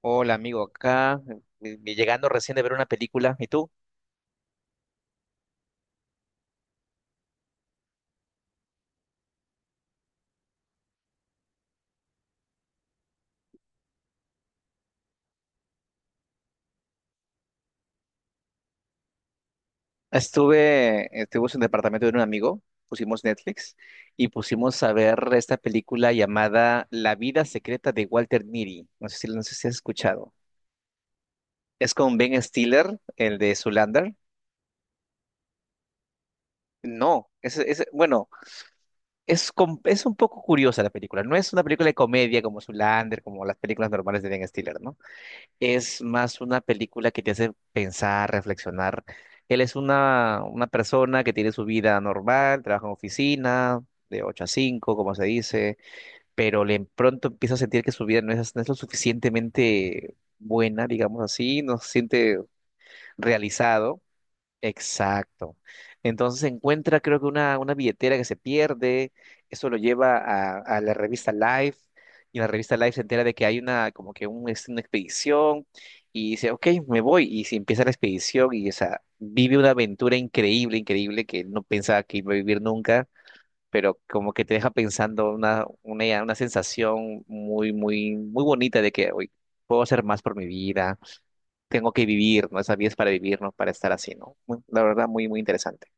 Hola, amigo, acá llegando recién de ver una película. ¿Y tú? Estuvimos en el departamento de un amigo, pusimos Netflix y pusimos a ver esta película llamada La vida secreta de Walter Mitty. No sé si has escuchado. Es con Ben Stiller, el de Zoolander. No, es bueno, es un poco curiosa la película. No es una película de comedia como Zoolander, como las películas normales de Ben Stiller, ¿no? Es más una película que te hace pensar, reflexionar. Él es una persona que tiene su vida normal, trabaja en oficina, de 8 a 5 como se dice, pero le pronto empieza a sentir que su vida no es lo suficientemente buena, digamos así, no se siente realizado. Exacto. Entonces encuentra, creo que una billetera que se pierde, eso lo lleva a la revista Life, y la revista Life se entera de que hay una, como que un, es una expedición, y dice, ok, me voy, y se empieza la expedición, y o sea, vive una aventura increíble, increíble, que no pensaba que iba a vivir nunca, pero como que te deja pensando una sensación muy, muy, muy bonita de que, hoy puedo hacer más por mi vida, tengo que vivir, ¿no? Esa vida es para vivir, no para estar así, ¿no? La verdad, muy, muy interesante.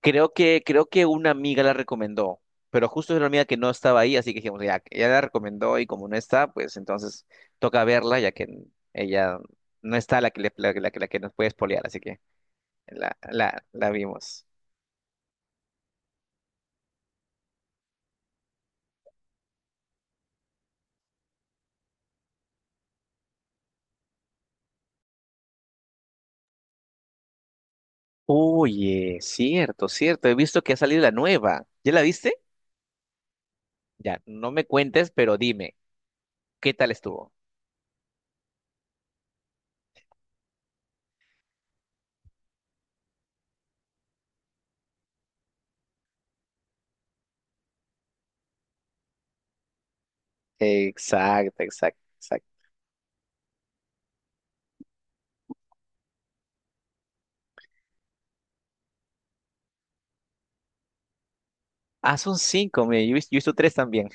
Creo que una amiga la recomendó, pero justo es una amiga que no estaba ahí, así que dijimos, ya, ella la recomendó y como no está, pues entonces toca verla, ya que ella no está la que, le- la, que- la, que la que nos puede spoilear, así que la vimos. Oye, cierto, cierto, he visto que ha salido la nueva. ¿Ya la viste? Ya, no me cuentes, pero dime, ¿qué tal estuvo? Exacto, exacto, exacto. Ah, son cinco, mire, yo he visto tres también.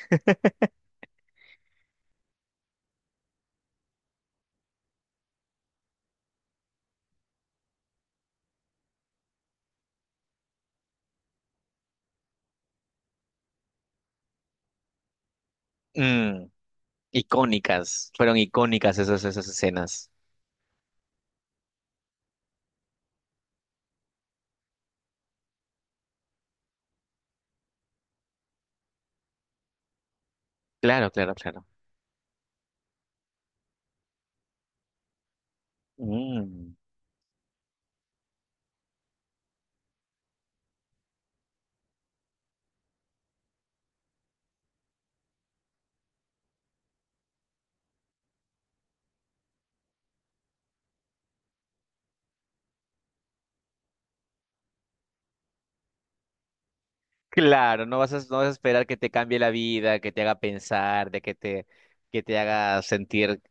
Mm, icónicas, fueron icónicas esas escenas. Claro, claro, claro. Mm, claro, no vas a esperar que te cambie la vida, que te haga pensar, de que te haga sentir.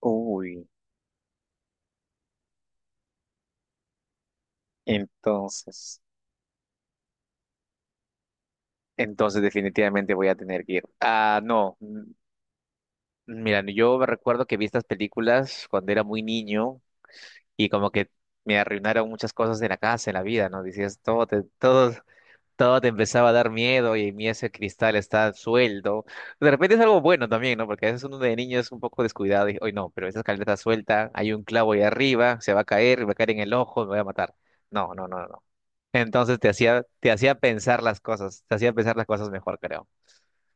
Uy, entonces, entonces definitivamente voy a tener que ir. Ah, no, mira, yo me recuerdo que vi estas películas cuando era muy niño y como que me arruinaron muchas cosas de la casa, en la vida, ¿no? Decías, todo, te- todo. Todo te empezaba a dar miedo y mi ese cristal está suelto. De repente es algo bueno también, ¿no? Porque a veces uno de niño es un poco descuidado y, hoy no, pero esa escalera está suelta, hay un clavo ahí arriba, se va a caer, me va a caer en el ojo, me voy a matar. No, no, no, no. No. Entonces te hacía pensar las cosas, te hacía pensar las cosas mejor, creo.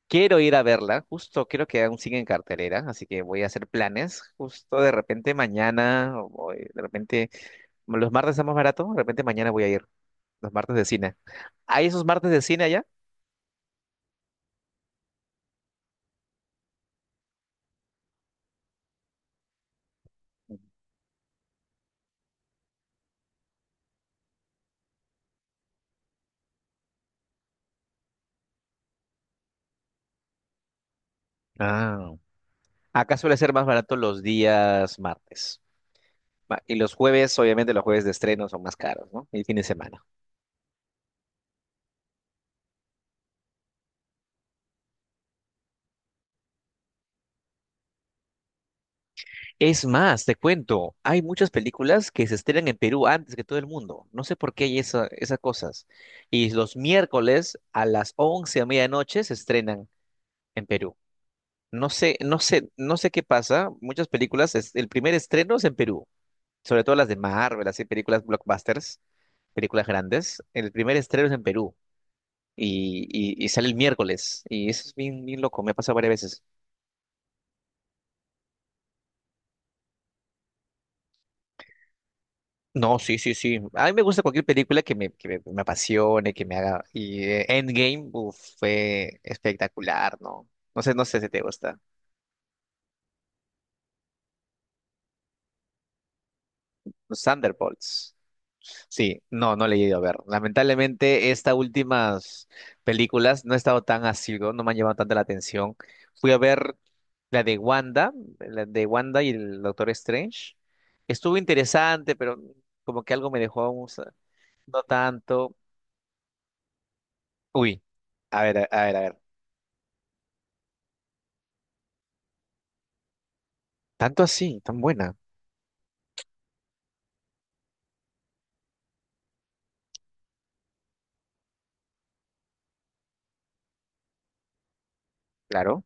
Quiero ir a verla, justo creo que aún sigue en cartelera, así que voy a hacer planes, justo de repente mañana, o de repente, los martes está más barato, de repente mañana voy a ir, los martes de cine. ¿Hay esos martes de cine allá? Ah, acá suele ser más barato los días martes. Va. Y los jueves, obviamente, los jueves de estreno son más caros, ¿no? El fin de semana. Es más, te cuento, hay muchas películas que se estrenan en Perú antes que todo el mundo. No sé por qué hay esas cosas. Y los miércoles a las 11 a medianoche se estrenan en Perú. No sé qué pasa. Muchas películas, es- el primer estreno es en Perú. Sobre todo las de Marvel, así películas blockbusters, películas grandes. El primer estreno es en Perú. Y, y sale el miércoles. Y eso es bien, bien loco, me ha pasado varias veces. No, sí, sí, sí. A mí me gusta cualquier película que me apasione, que me haga. Y Endgame, uf, fue espectacular, ¿no? No sé si te gusta. Los Thunderbolts. Sí, no, no le he ido a ver. Lamentablemente, estas últimas películas no he estado tan asiduo, no me han llamado tanta la atención. Fui a ver la de Wanda, la de Wanda y el Doctor Strange. Estuvo interesante, pero como que algo me dejó no tanto. Uy, a ver, a ver, a ver. Tanto así, tan buena. Claro,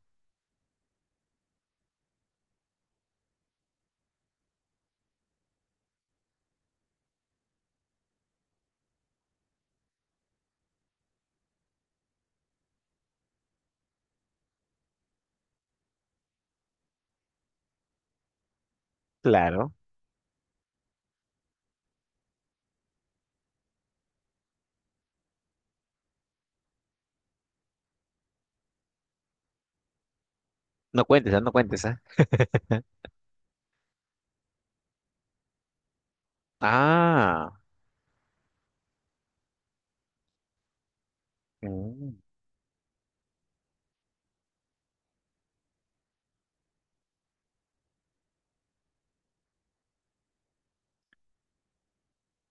claro. No cuentes, ah, no cuentes, ¿ah? Ah, mm,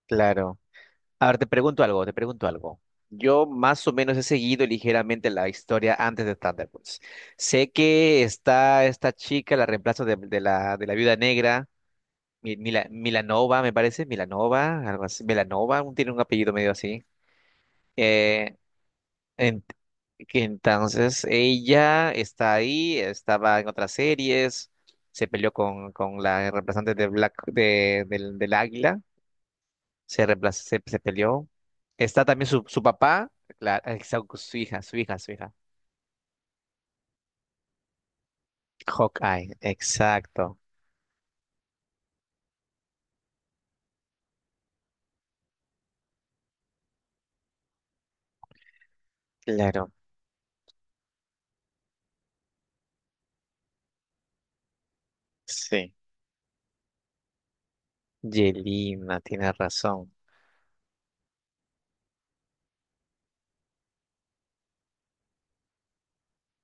claro. A ver, te pregunto algo, te pregunto algo. Yo más o menos he seguido ligeramente la historia antes de Thunderbolts. Sé que está esta chica, la reemplazo de la viuda negra, Mi- Mila- Milanova, me parece, Milanova, algo así, Milanova, un- tiene un apellido medio así. Eh, en- que entonces ella está ahí, estaba en otras series, se peleó con la reemplazante de Black, de, del Águila se peleó. Está también su papá, claro, su hija, su hija, su hija. Hawkeye, exacto, claro, sí. Yelena, tiene razón.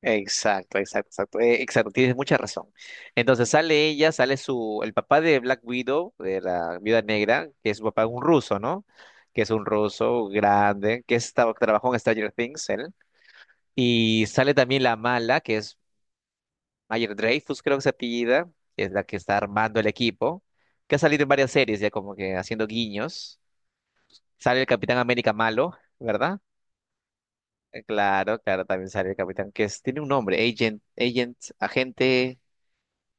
Exacto, exacto, exacto, exacto, tienes mucha razón. Entonces sale ella, sale su, el papá de Black Widow, de la Viuda Negra, que es su papá un ruso, ¿no? Que es un ruso grande, que trabajó en Stranger Things, él. Y sale también la mala, que es Mayer Dreyfus, creo que se apellida, que es la que está armando el equipo, que ha salido en varias series ya como que haciendo guiños. Sale el Capitán América malo, ¿verdad? Claro, claro, también sale el Capitán, que tiene un nombre, Agent, Agent, agente,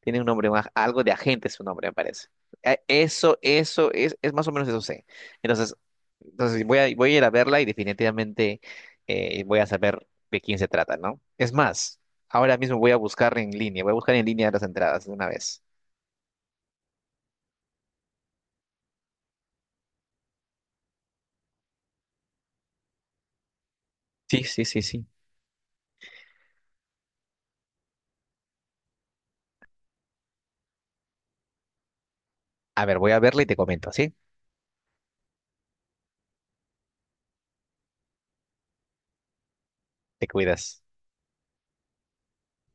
tiene un nombre, algo de agente es su nombre, me parece. Eso, eso, es más o menos eso sé. Entonces, entonces voy a ir a verla y definitivamente voy a saber de quién se trata, ¿no? Es más, ahora mismo voy a buscar en línea, voy a buscar en línea las entradas de una vez. Sí, sí, sí, sí. A ver, voy a verla y te comento, ¿sí? Te cuidas.